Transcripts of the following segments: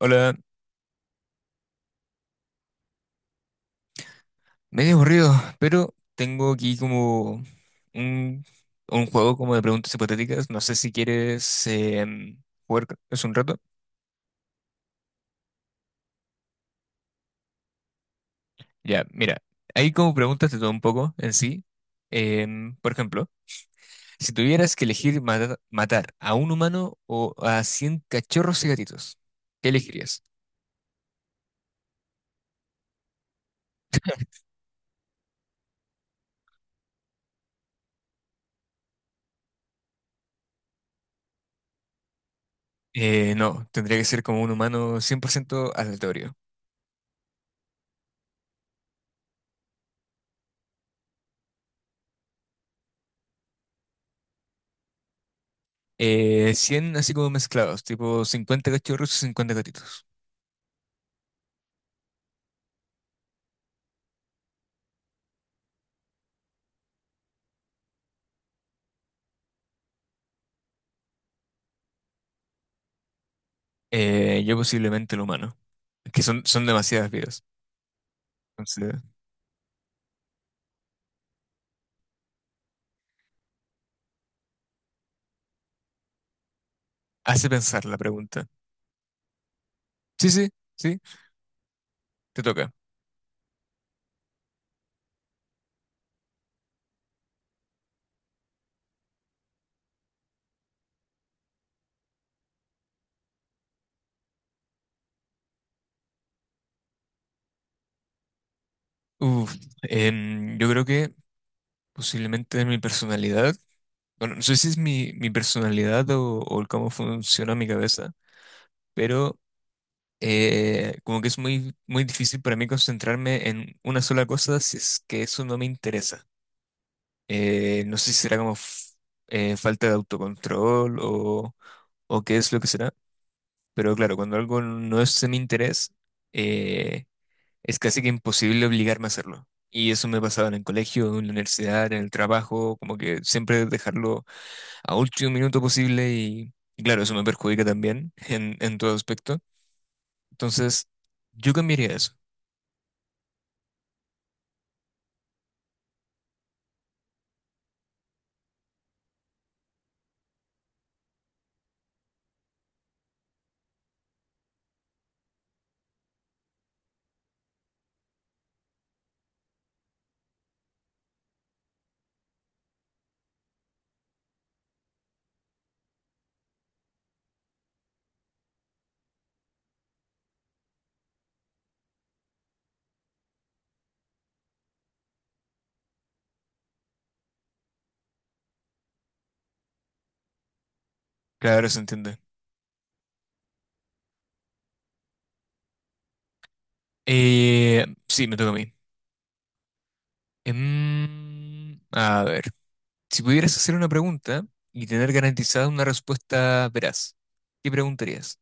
Hola, medio aburrido, pero tengo aquí como un, un juego como de preguntas hipotéticas. No sé si quieres jugar es un rato. Ya, mira, hay como preguntas de todo un poco en sí. Por ejemplo, si tuvieras que elegir matar a un humano o a 100 cachorros y gatitos, ¿qué elegirías? No, tendría que ser como un humano 100% aleatorio. 100 así como mezclados, tipo 50 cachorros y 50 gatitos. Yo posiblemente el humano. Es que son demasiadas vidas. Entonces, hace pensar la pregunta. Sí, sí, sí, te toca. Uf, yo creo que posiblemente mi personalidad, bueno, no sé si es mi personalidad o el cómo funciona mi cabeza, pero como que es muy, muy difícil para mí concentrarme en una sola cosa si es que eso no me interesa. No sé si será como falta de autocontrol o qué es lo que será. Pero claro, cuando algo no es de mi interés, eh, es casi que imposible obligarme a hacerlo. Y eso me pasaba en el colegio, en la universidad, en el trabajo, como que siempre dejarlo a último minuto posible y claro, eso me perjudica también en todo aspecto. Entonces, yo cambiaría eso. Claro, ahora se entiende. Sí, me toca a mí. A ver, si pudieras hacer una pregunta y tener garantizada una respuesta veraz, ¿qué preguntarías?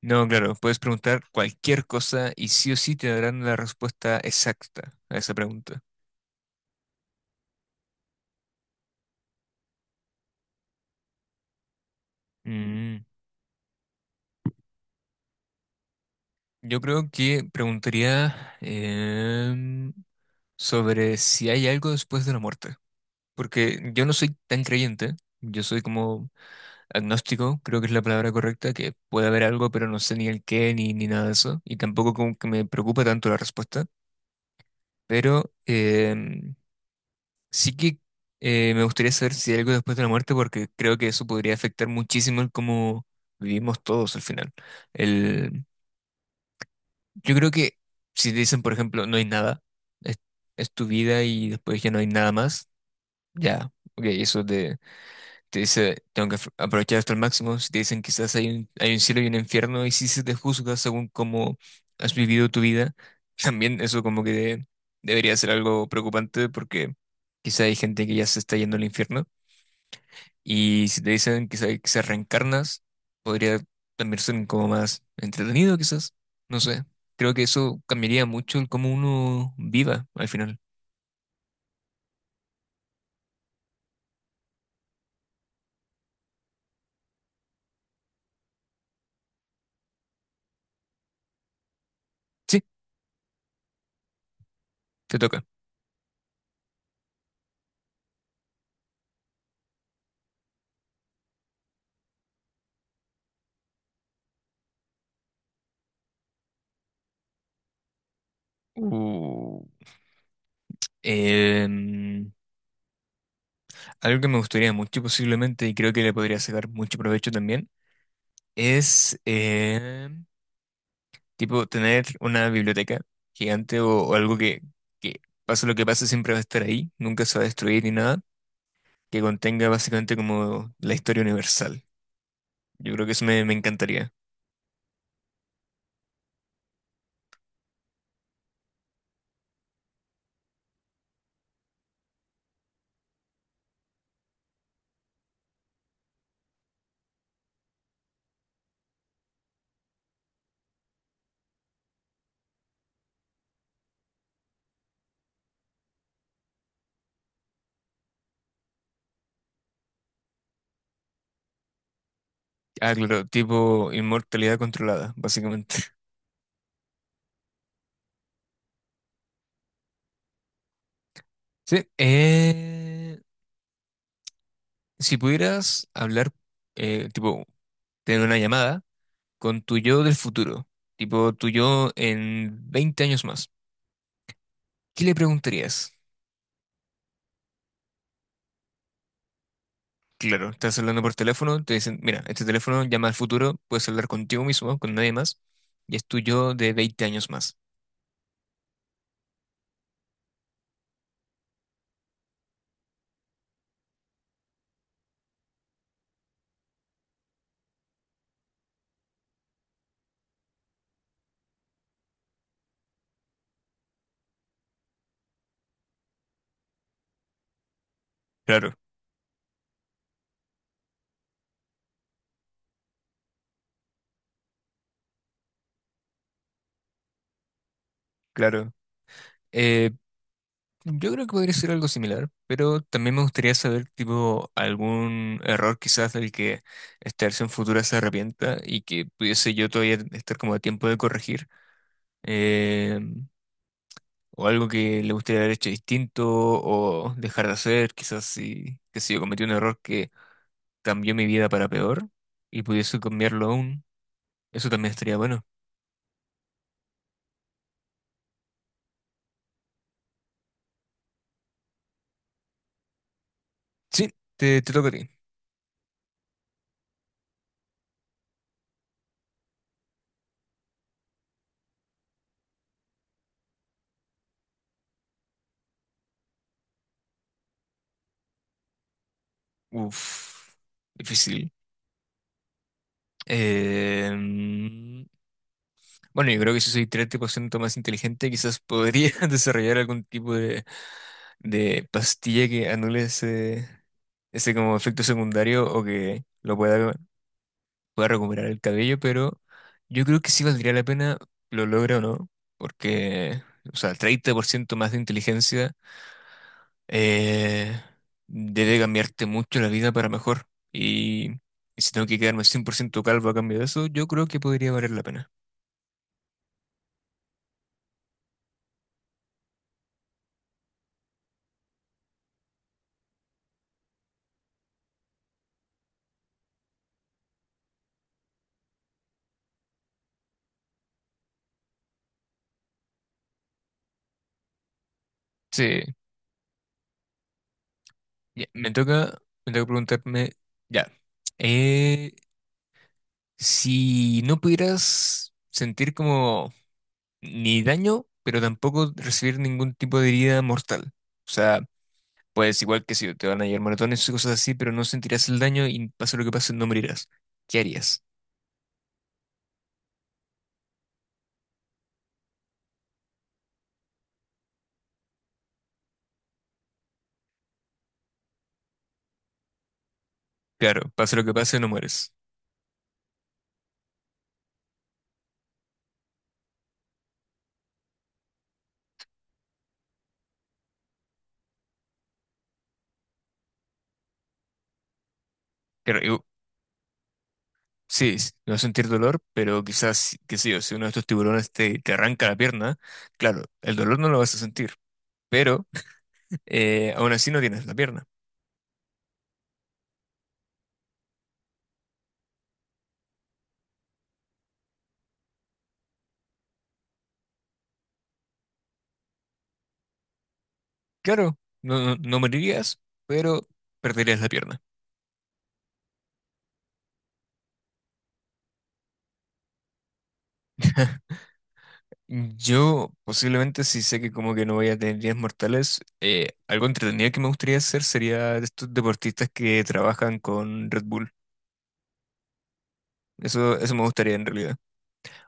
No, claro, puedes preguntar cualquier cosa y sí o sí te darán la respuesta exacta a esa pregunta. Mm, Yo creo que preguntaría sobre si hay algo después de la muerte, porque yo no soy tan creyente, yo soy como agnóstico, creo que es la palabra correcta, que puede haber algo, pero no sé ni el qué ni nada de eso, y tampoco como que me preocupa tanto la respuesta, pero sí que me gustaría saber si hay algo después de la muerte, porque creo que eso podría afectar muchísimo el cómo vivimos todos al final. El, yo creo que si te dicen, por ejemplo, no hay nada, es, es tu vida y después ya no hay nada más, ya, ok, eso te dice, tengo que aprovechar hasta el máximo. Si te dicen quizás hay un cielo y un infierno, y si se te juzga según cómo has vivido tu vida, también eso como que debería ser algo preocupante porque... Quizá hay gente que ya se está yendo al infierno. Y si te dicen que se reencarnas, podría también ser como más entretenido, quizás. No sé. Creo que eso cambiaría mucho el cómo uno viva al final. Sí, te toca. Uh, em, Algo que me gustaría mucho posiblemente y creo que le podría sacar mucho provecho también es tipo tener una biblioteca gigante o algo que pase lo que pase siempre va a estar ahí, nunca se va a destruir ni nada, que contenga básicamente como la historia universal. Yo creo que eso me encantaría. Ah, claro, tipo inmortalidad controlada, básicamente. Sí. Si pudieras hablar, tipo, tener una llamada con tu yo del futuro, tipo tu yo en 20 años más, ¿qué le preguntarías? Claro, estás hablando por teléfono, te dicen, mira, este teléfono llama al futuro, puedes hablar contigo mismo, con nadie más, y es tu yo de 20 años más. Claro, claro. Eh, Yo creo que podría ser algo similar, pero también me gustaría saber, tipo, algún error quizás del que esta versión futura se arrepienta y que pudiese yo todavía estar como a tiempo de corregir, eh, o algo que le gustaría haber hecho distinto o dejar de hacer, quizás si, que si yo cometí un error que cambió mi vida para peor y pudiese cambiarlo aún, eso también estaría bueno. Sí, te toca a ti. Uf, difícil. Eh, Bueno, yo creo que si soy 30% más inteligente, quizás podría desarrollar algún tipo de pastilla que anule ese como efecto secundario o que lo pueda recuperar el cabello, pero yo creo que sí valdría la pena, lo logra o no, porque, o sea, 30% más de inteligencia eh, debe cambiarte mucho la vida para mejor. Y, y si tengo que quedarme 100% calvo a cambio de eso, yo creo que podría valer la pena. Sí. Ya, me toca preguntarme, ya, eh, si no pudieras sentir como ni daño, pero tampoco recibir ningún tipo de herida mortal. O sea, pues igual que si te van a llegar moratones y cosas así, pero no sentirás el daño y pase lo que pase, no morirás. ¿Qué harías? Claro, pase lo que pase, no mueres. Claro, sí, no vas a sentir dolor, pero quizás, qué sé yo, si uno de estos tiburones te arranca la pierna, claro, el dolor no lo vas a sentir, pero aún así no tienes la pierna. Claro, no, no, no morirías, pero perderías la pierna. Yo posiblemente si sé que como que no voy a tener días mortales, algo entretenido que me gustaría hacer sería de estos deportistas que trabajan con Red Bull. Eso me gustaría en realidad.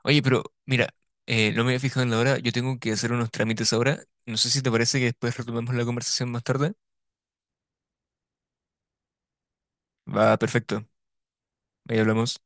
Oye, pero mira, no me había fijado en la hora, yo tengo que hacer unos trámites ahora. No sé si te parece que después retomemos la conversación más tarde. Va, perfecto. Ahí hablamos.